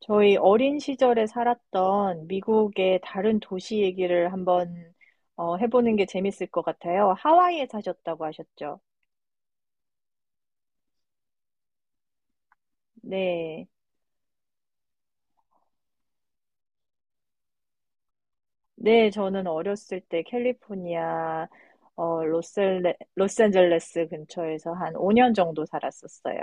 저희 어린 시절에 살았던 미국의 다른 도시 얘기를 한번 해보는 게 재밌을 것 같아요. 하와이에 사셨다고 하셨죠? 네. 네, 저는 어렸을 때 캘리포니아, 로스앤젤레스 근처에서 한 5년 정도 살았었어요.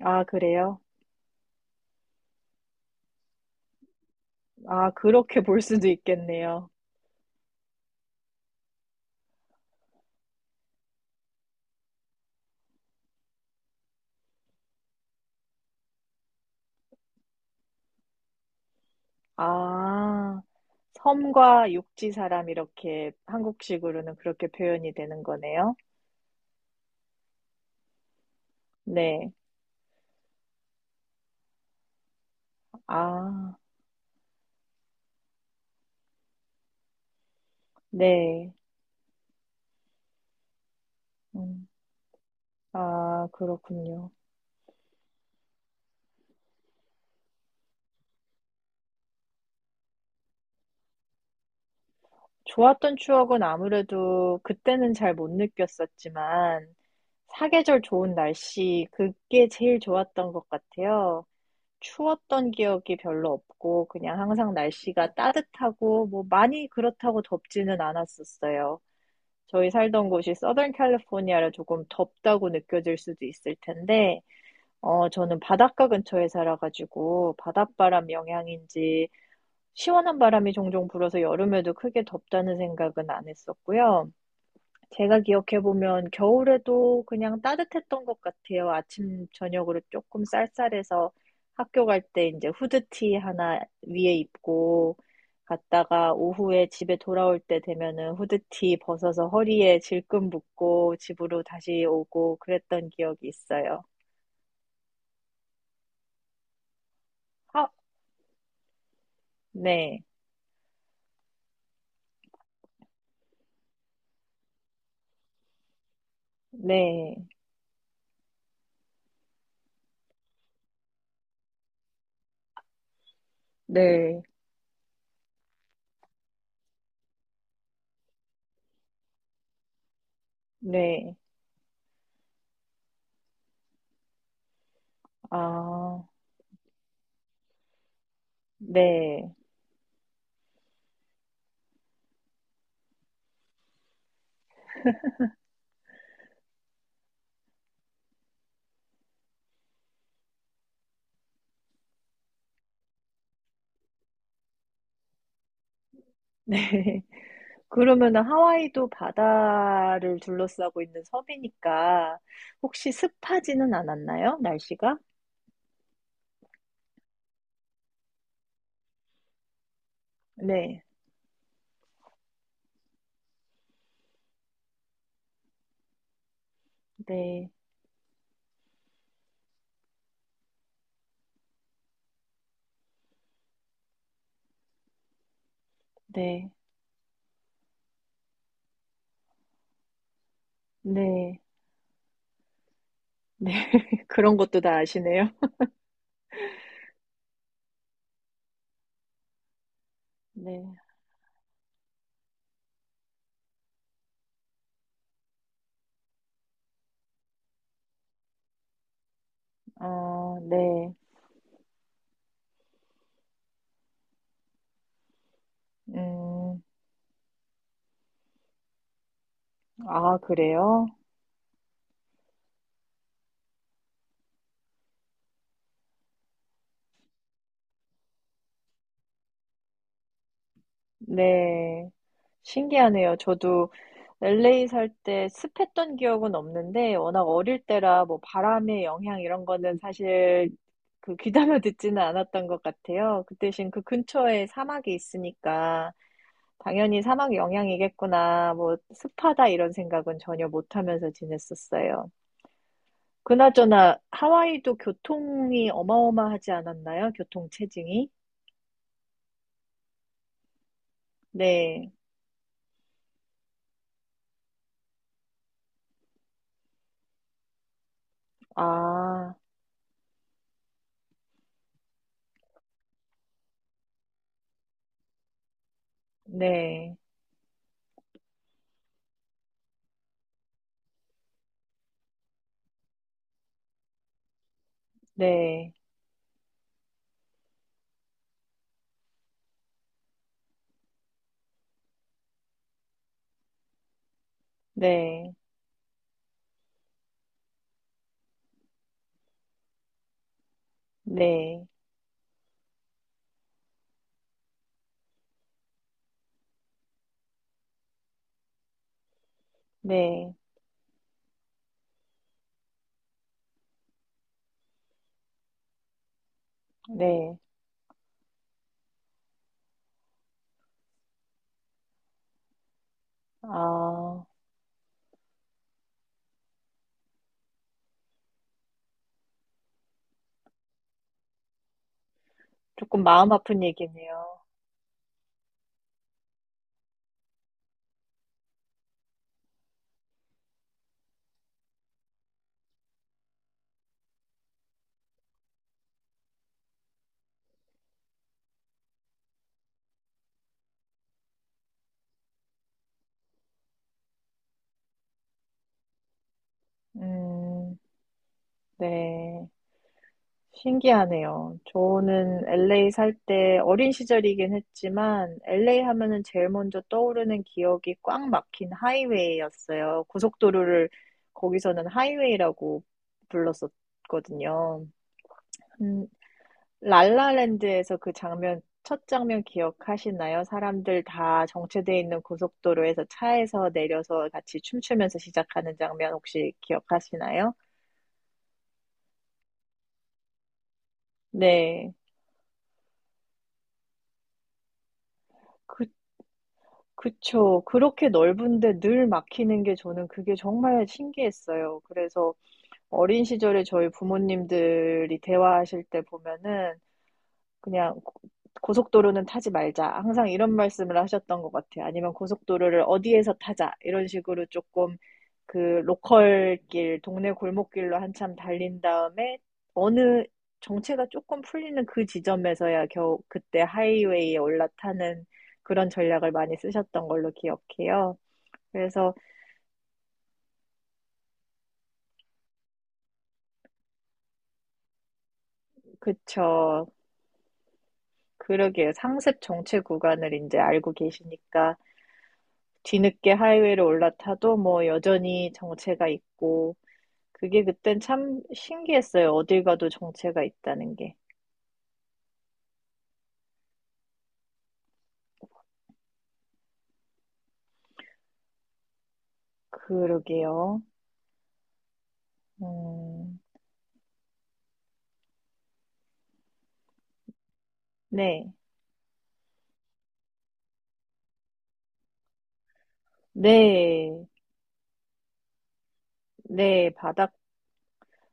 아, 그래요? 아, 그렇게 볼 수도 있겠네요. 아, 섬과 육지 사람 이렇게 한국식으로는 그렇게 표현이 되는 거네요. 네. 아, 네. 음. 아, 그렇군요. 좋았던 추억은 아무래도 그때는 잘 못 느꼈었지만, 사계절 좋은 날씨, 그게 제일 좋았던 것 같아요. 추웠던 기억이 별로 없고, 그냥 항상 날씨가 따뜻하고, 뭐 많이 그렇다고 덥지는 않았었어요. 저희 살던 곳이 서던 캘리포니아라 조금 덥다고 느껴질 수도 있을 텐데, 저는 바닷가 근처에 살아가지고, 바닷바람 영향인지, 시원한 바람이 종종 불어서 여름에도 크게 덥다는 생각은 안 했었고요. 제가 기억해보면 겨울에도 그냥 따뜻했던 것 같아요. 아침, 저녁으로 조금 쌀쌀해서 학교 갈 때 이제 후드티 하나 위에 입고 갔다가 오후에 집에 돌아올 때 되면은 후드티 벗어서 허리에 질끈 묶고 집으로 다시 오고 그랬던 기억이 있어요. 아, 네, 네, 네, 네, 아, 네. 네. 그러면은 하와이도 바다를 둘러싸고 있는 섬이니까 혹시 습하지는 않았나요? 날씨가? 네. 네. 네. 네. 네. 그런 것도 다 아시네요. 네. 아, 네. 음, 아, 그래요? 네. 신기하네요. 저도 LA 살 때 습했던 기억은 없는데 워낙 어릴 때라 뭐 바람의 영향 이런 거는 사실 그 귀담아 듣지는 않았던 것 같아요. 그 대신 그 근처에 사막이 있으니까 당연히 사막 영향이겠구나. 뭐 습하다 이런 생각은 전혀 못 하면서 지냈었어요. 그나저나 하와이도 교통이 어마어마하지 않았나요? 교통 체증이? 네. 아, 네. 네. 네. 네. 네, 네. 아, 조금 마음 아픈 얘기네요. 음, 네. 신기하네요. 저는 LA 살 때 어린 시절이긴 했지만 LA 하면은 제일 먼저 떠오르는 기억이 꽉 막힌 하이웨이였어요. 고속도로를 거기서는 하이웨이라고 불렀었거든요. 음, 랄라랜드에서 그 장면, 첫 장면 기억하시나요? 사람들 다 정체돼 있는 고속도로에서 차에서 내려서 같이 춤추면서 시작하는 장면 혹시 기억하시나요? 네. 그, 그쵸. 그렇게 넓은데 늘 막히는 게 저는 그게 정말 신기했어요. 그래서 어린 시절에 저희 부모님들이 대화하실 때 보면은 그냥 고- 고속도로는 타지 말자. 항상 이런 말씀을 하셨던 것 같아요. 아니면 고속도로를 어디에서 타자. 이런 식으로 조금 그 로컬길, 동네 골목길로 한참 달린 다음에 어느 정체가 조금 풀리는 그 지점에서야 겨우 그때 하이웨이에 올라타는 그런 전략을 많이 쓰셨던 걸로 기억해요. 그래서 그쵸. 그러게요. 상습 정체 구간을 이제 알고 계시니까 뒤늦게 하이웨이를 올라타도 뭐 여전히 정체가 있고 그게 그땐 참 신기했어요. 어딜 가도 정체가 있다는 게. 그러게요. 음, 네. 네, 네,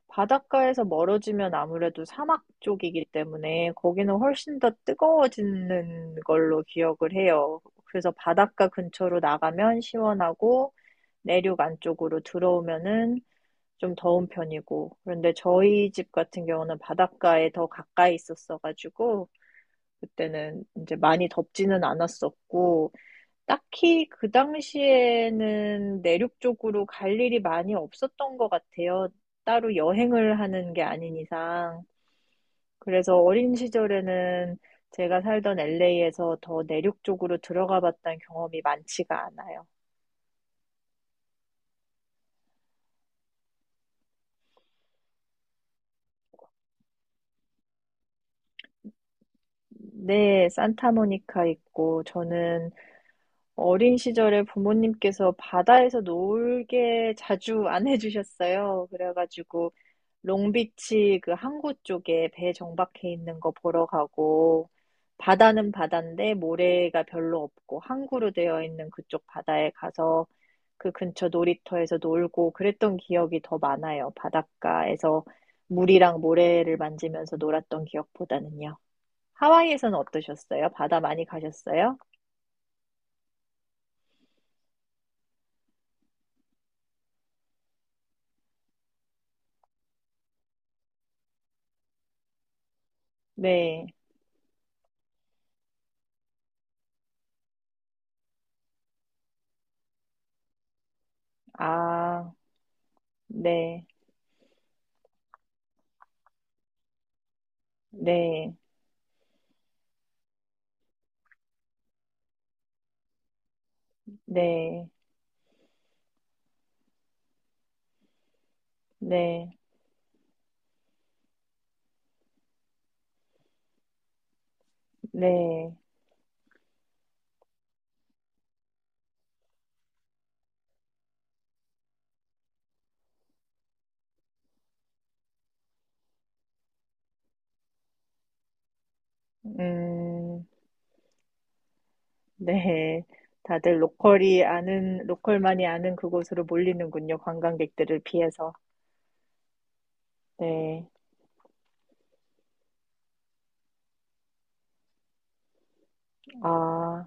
바닷가에서 멀어지면 아무래도 사막 쪽이기 때문에 거기는 훨씬 더 뜨거워지는 걸로 기억을 해요. 그래서 바닷가 근처로 나가면 시원하고 내륙 안쪽으로 들어오면은 좀 더운 편이고. 그런데 저희 집 같은 경우는 바닷가에 더 가까이 있었어가지고 그때는 이제 많이 덥지는 않았었고 딱히 그 당시에는 내륙 쪽으로 갈 일이 많이 없었던 것 같아요. 따로 여행을 하는 게 아닌 이상. 그래서 어린 시절에는 제가 살던 LA에서 더 내륙 쪽으로 들어가 봤던 경험이 많지가 않아요. 네, 산타모니카 있고, 저는 어린 시절에 부모님께서 바다에서 놀게 자주 안 해주셨어요. 그래가지고 롱비치 그 항구 쪽에 배 정박해 있는 거 보러 가고 바다는 바다인데 모래가 별로 없고 항구로 되어 있는 그쪽 바다에 가서 그 근처 놀이터에서 놀고 그랬던 기억이 더 많아요. 바닷가에서 물이랑 모래를 만지면서 놀았던 기억보다는요. 하와이에서는 어떠셨어요? 바다 많이 가셨어요? 네. 아. 네, 네, 네, 네, 네, 음, 네. 다들 로컬이 아는, 로컬만이 아는 그곳으로 몰리는군요. 관광객들을 피해서. 네. 아,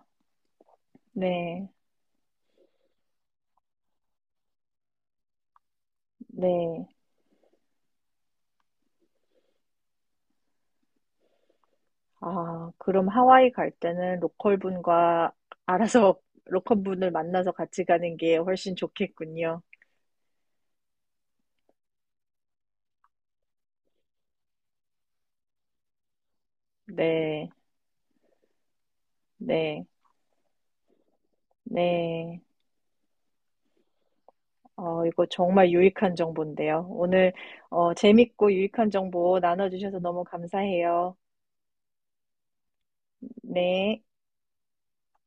네, 네. 아, 그럼 하와이 갈 때는 로컬 분과 알아서 로컬 분을 만나서 같이 가는 게 훨씬 좋겠군요. 네, 네, 네. 어, 이거 정말 유익한 정보인데요. 오늘, 재밌고 유익한 정보 나눠주셔서 너무 감사해요. 네.